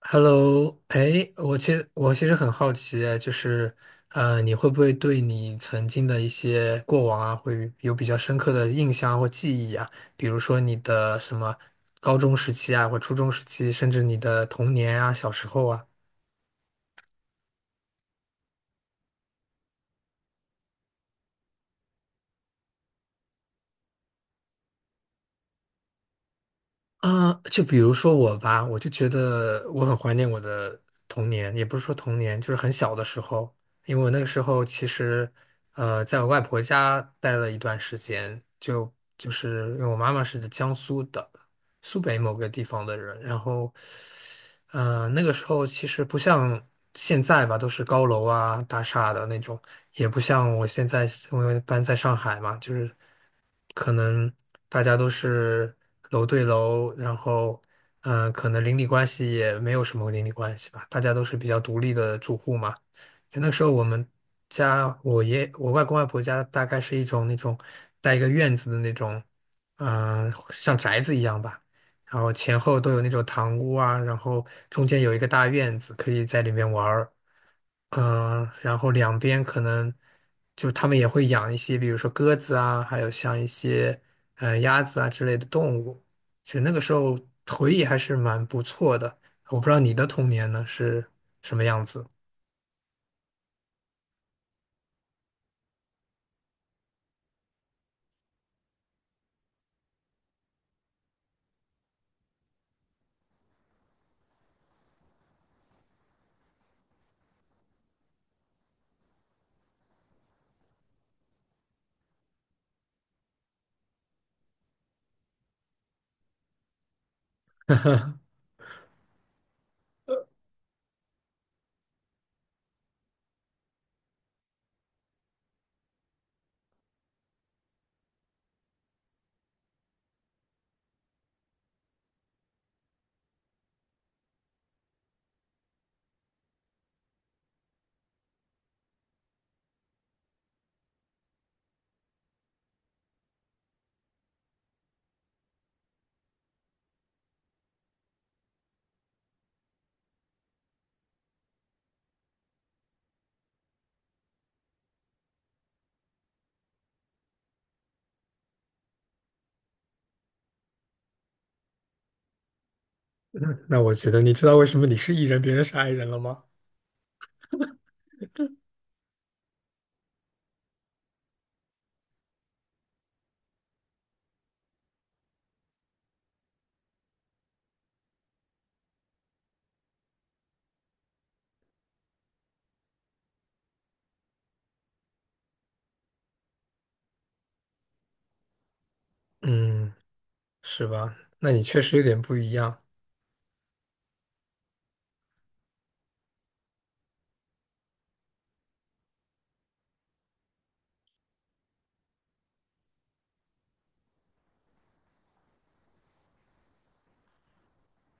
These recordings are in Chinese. Hello，哎，我其实很好奇，就是，你会不会对你曾经的一些过往啊，会有比较深刻的印象啊或记忆啊？比如说你的什么高中时期啊，或初中时期，甚至你的童年啊，小时候啊。啊，就比如说我吧，我就觉得我很怀念我的童年，也不是说童年，就是很小的时候，因为我那个时候其实，在我外婆家待了一段时间，就是因为我妈妈是江苏的，苏北某个地方的人，然后，那个时候其实不像现在吧，都是高楼啊、大厦的那种，也不像我现在因为搬在上海嘛，就是。可能大家都是楼对楼，然后可能邻里关系也没有什么邻里关系吧，大家都是比较独立的住户嘛。就那时候我们家，我爷我外公外婆家大概是一种那种带一个院子的那种，像宅子一样吧。然后前后都有那种堂屋啊，然后中间有一个大院子，可以在里面玩儿。然后两边可能就是他们也会养一些，比如说鸽子啊，还有像一些鸭子啊之类的动物。其实那个时候回忆还是蛮不错的。我不知道你的童年呢是什么样子。嗯那我觉得，你知道为什么你是 E 人，别人是 I 人了吗？嗯，是吧？那你确实有点不一样。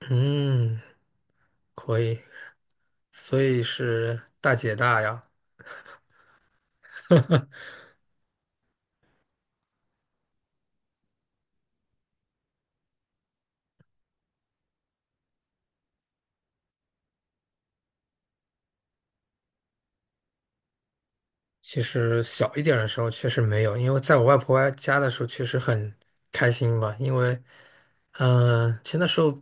嗯，可以。所以是大姐大呀。其实小一点的时候确实没有，因为在我外婆家的时候确实很开心吧，因为，其实那时候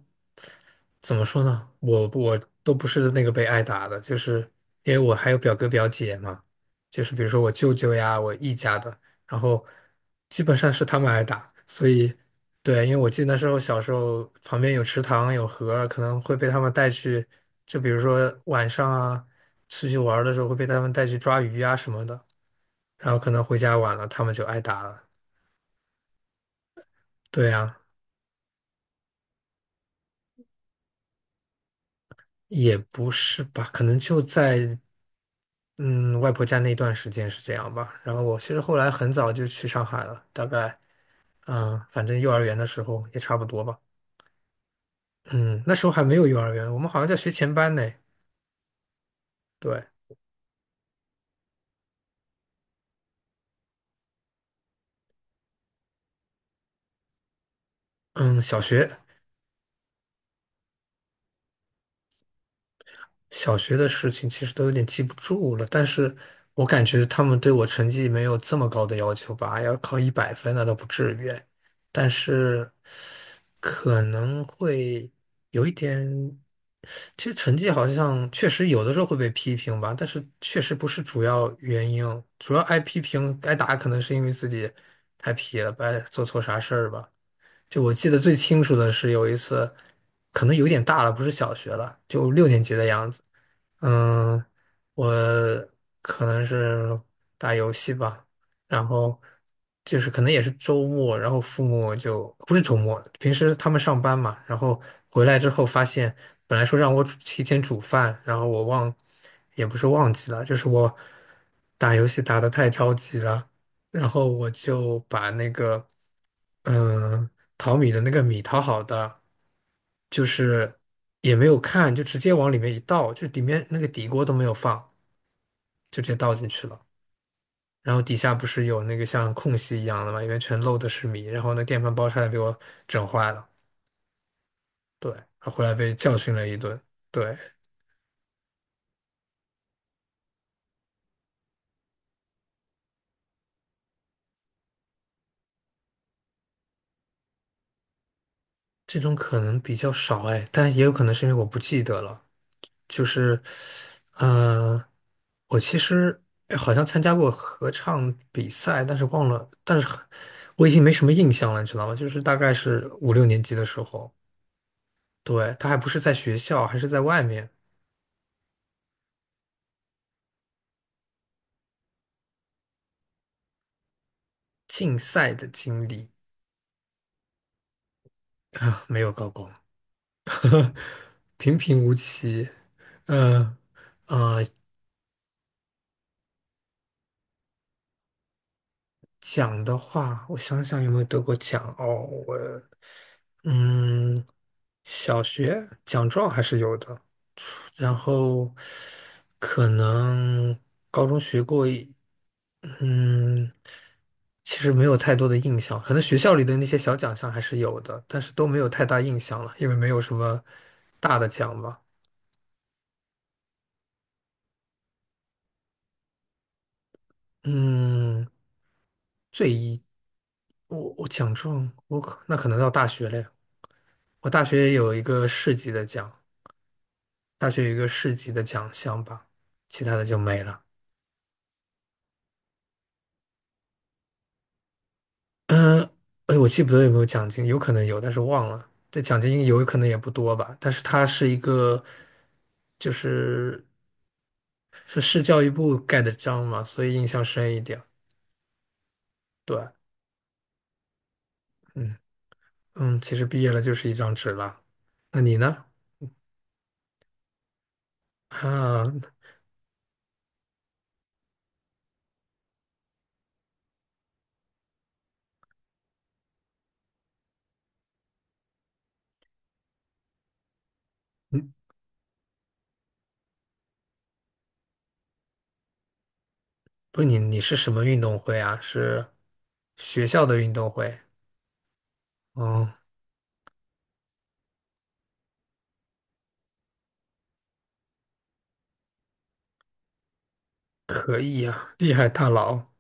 怎么说呢，我都不是那个被挨打的，就是因为我还有表哥表姐嘛，就是比如说我舅舅呀，我姨家的，然后基本上是他们挨打，所以对，因为我记得那时候小时候旁边有池塘有河，可能会被他们带去，就比如说晚上啊，出去玩儿的时候会被他们带去抓鱼啊什么的，然后可能回家晚了，他们就挨打了。对啊，也不是吧，可能就在外婆家那段时间是这样吧。然后我其实后来很早就去上海了，大概反正幼儿园的时候也差不多吧。嗯，那时候还没有幼儿园，我们好像在学前班呢。对，嗯，小学。小学的事情其实都有点记不住了，但是我感觉他们对我成绩没有这么高的要求吧，要考一百分那倒不至于，但是可能会有一点，其实成绩好像确实有的时候会被批评吧，但是确实不是主要原因，主要挨批评挨打可能是因为自己太皮了，不爱做错啥事儿吧。就我记得最清楚的是有一次，可能有点大了，不是小学了，就六年级的样子。嗯，我可能是打游戏吧，然后就是可能也是周末，然后父母就不是周末，平时他们上班嘛，然后回来之后发现，本来说让我煮提前煮饭，然后我忘，也不是忘记了，就是我打游戏打得太着急了，然后我就把那个，嗯、淘米的那个米淘好的，就是也没有看，就直接往里面一倒，就里面那个底锅都没有放，就直接倒进去了。然后底下不是有那个像空隙一样的嘛，里面全漏的是米，然后那电饭煲差点被我整坏了。对，他回来被教训了一顿。对，这种可能比较少哎，但也有可能是因为我不记得了。就是，呃，我其实哎好像参加过合唱比赛，但是忘了，但是我已经没什么印象了，你知道吗？就是大概是五六年级的时候，对，他还不是在学校，还是在外面竞赛的经历啊，没有高光，平平无奇，嗯，呃，奖的话，我想想有没有得过奖哦。我嗯，小学奖状还是有的，然后可能高中学过一，嗯，其实没有太多的印象。可能学校里的那些小奖项还是有的，但是都没有太大印象了，因为没有什么大的奖吧。嗯，最一，我奖状，我可那可能到大学嘞。我大学有一个市级的奖，大学有一个市级的奖项吧，其他的就没了。哎，我记不得有没有奖金，有可能有，但是忘了。这奖金有可能也不多吧，但是它是一个，就是是市教育部盖的章嘛，所以印象深一点。对，嗯嗯，其实毕业了就是一张纸了。那你呢？啊，嗯，不是你，你是什么运动会啊？是学校的运动会？哦，可以呀，厉害大佬。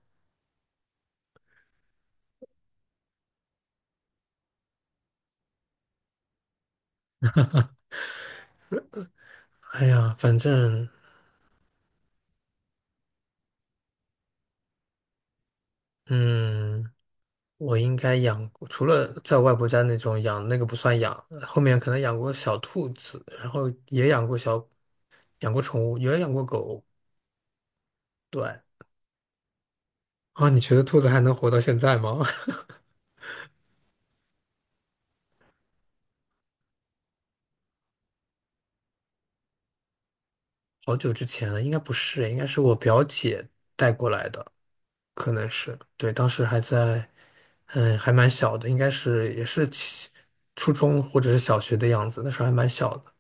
哎呀，反正嗯。我应该养过，除了在外婆家那种养，那个不算养，后面可能养过小兔子，然后也养过小，养过宠物，也养过狗。对，啊，你觉得兔子还能活到现在吗？好久之前了，应该不是，应该是我表姐带过来的，可能是，对，当时还在，还蛮小的，应该是也是起初中或者是小学的样子，那时候还蛮小的，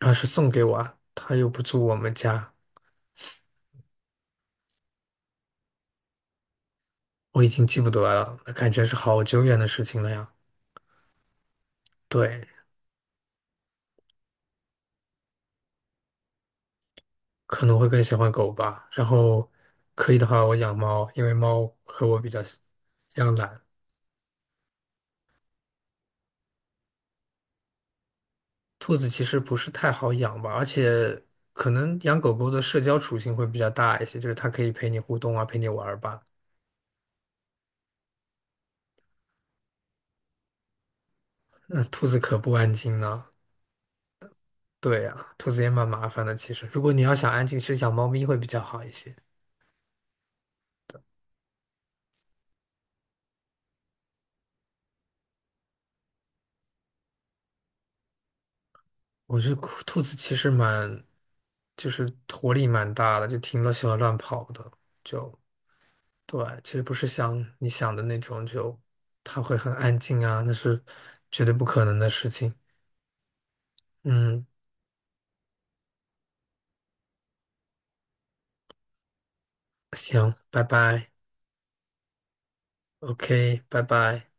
然后是送给我啊，她又不住我们家。我已经记不得了，那感觉是好久远的事情了呀。对，可能会更喜欢狗吧。然后可以的话，我养猫，因为猫和我比较像一样懒。兔子其实不是太好养吧，而且可能养狗狗的社交属性会比较大一些，就是它可以陪你互动啊，陪你玩儿吧。那兔子可不安静呢。对呀，兔子也蛮麻烦的。其实，如果你要想安静，其实养猫咪会比较好一些。我觉得兔子其实蛮，就是活力蛮大的，就挺乐喜欢乱跑的，就对，其实不是像你想的那种，就它会很安静啊，那是绝对不可能的事情。嗯，行，拜拜，OK，拜拜。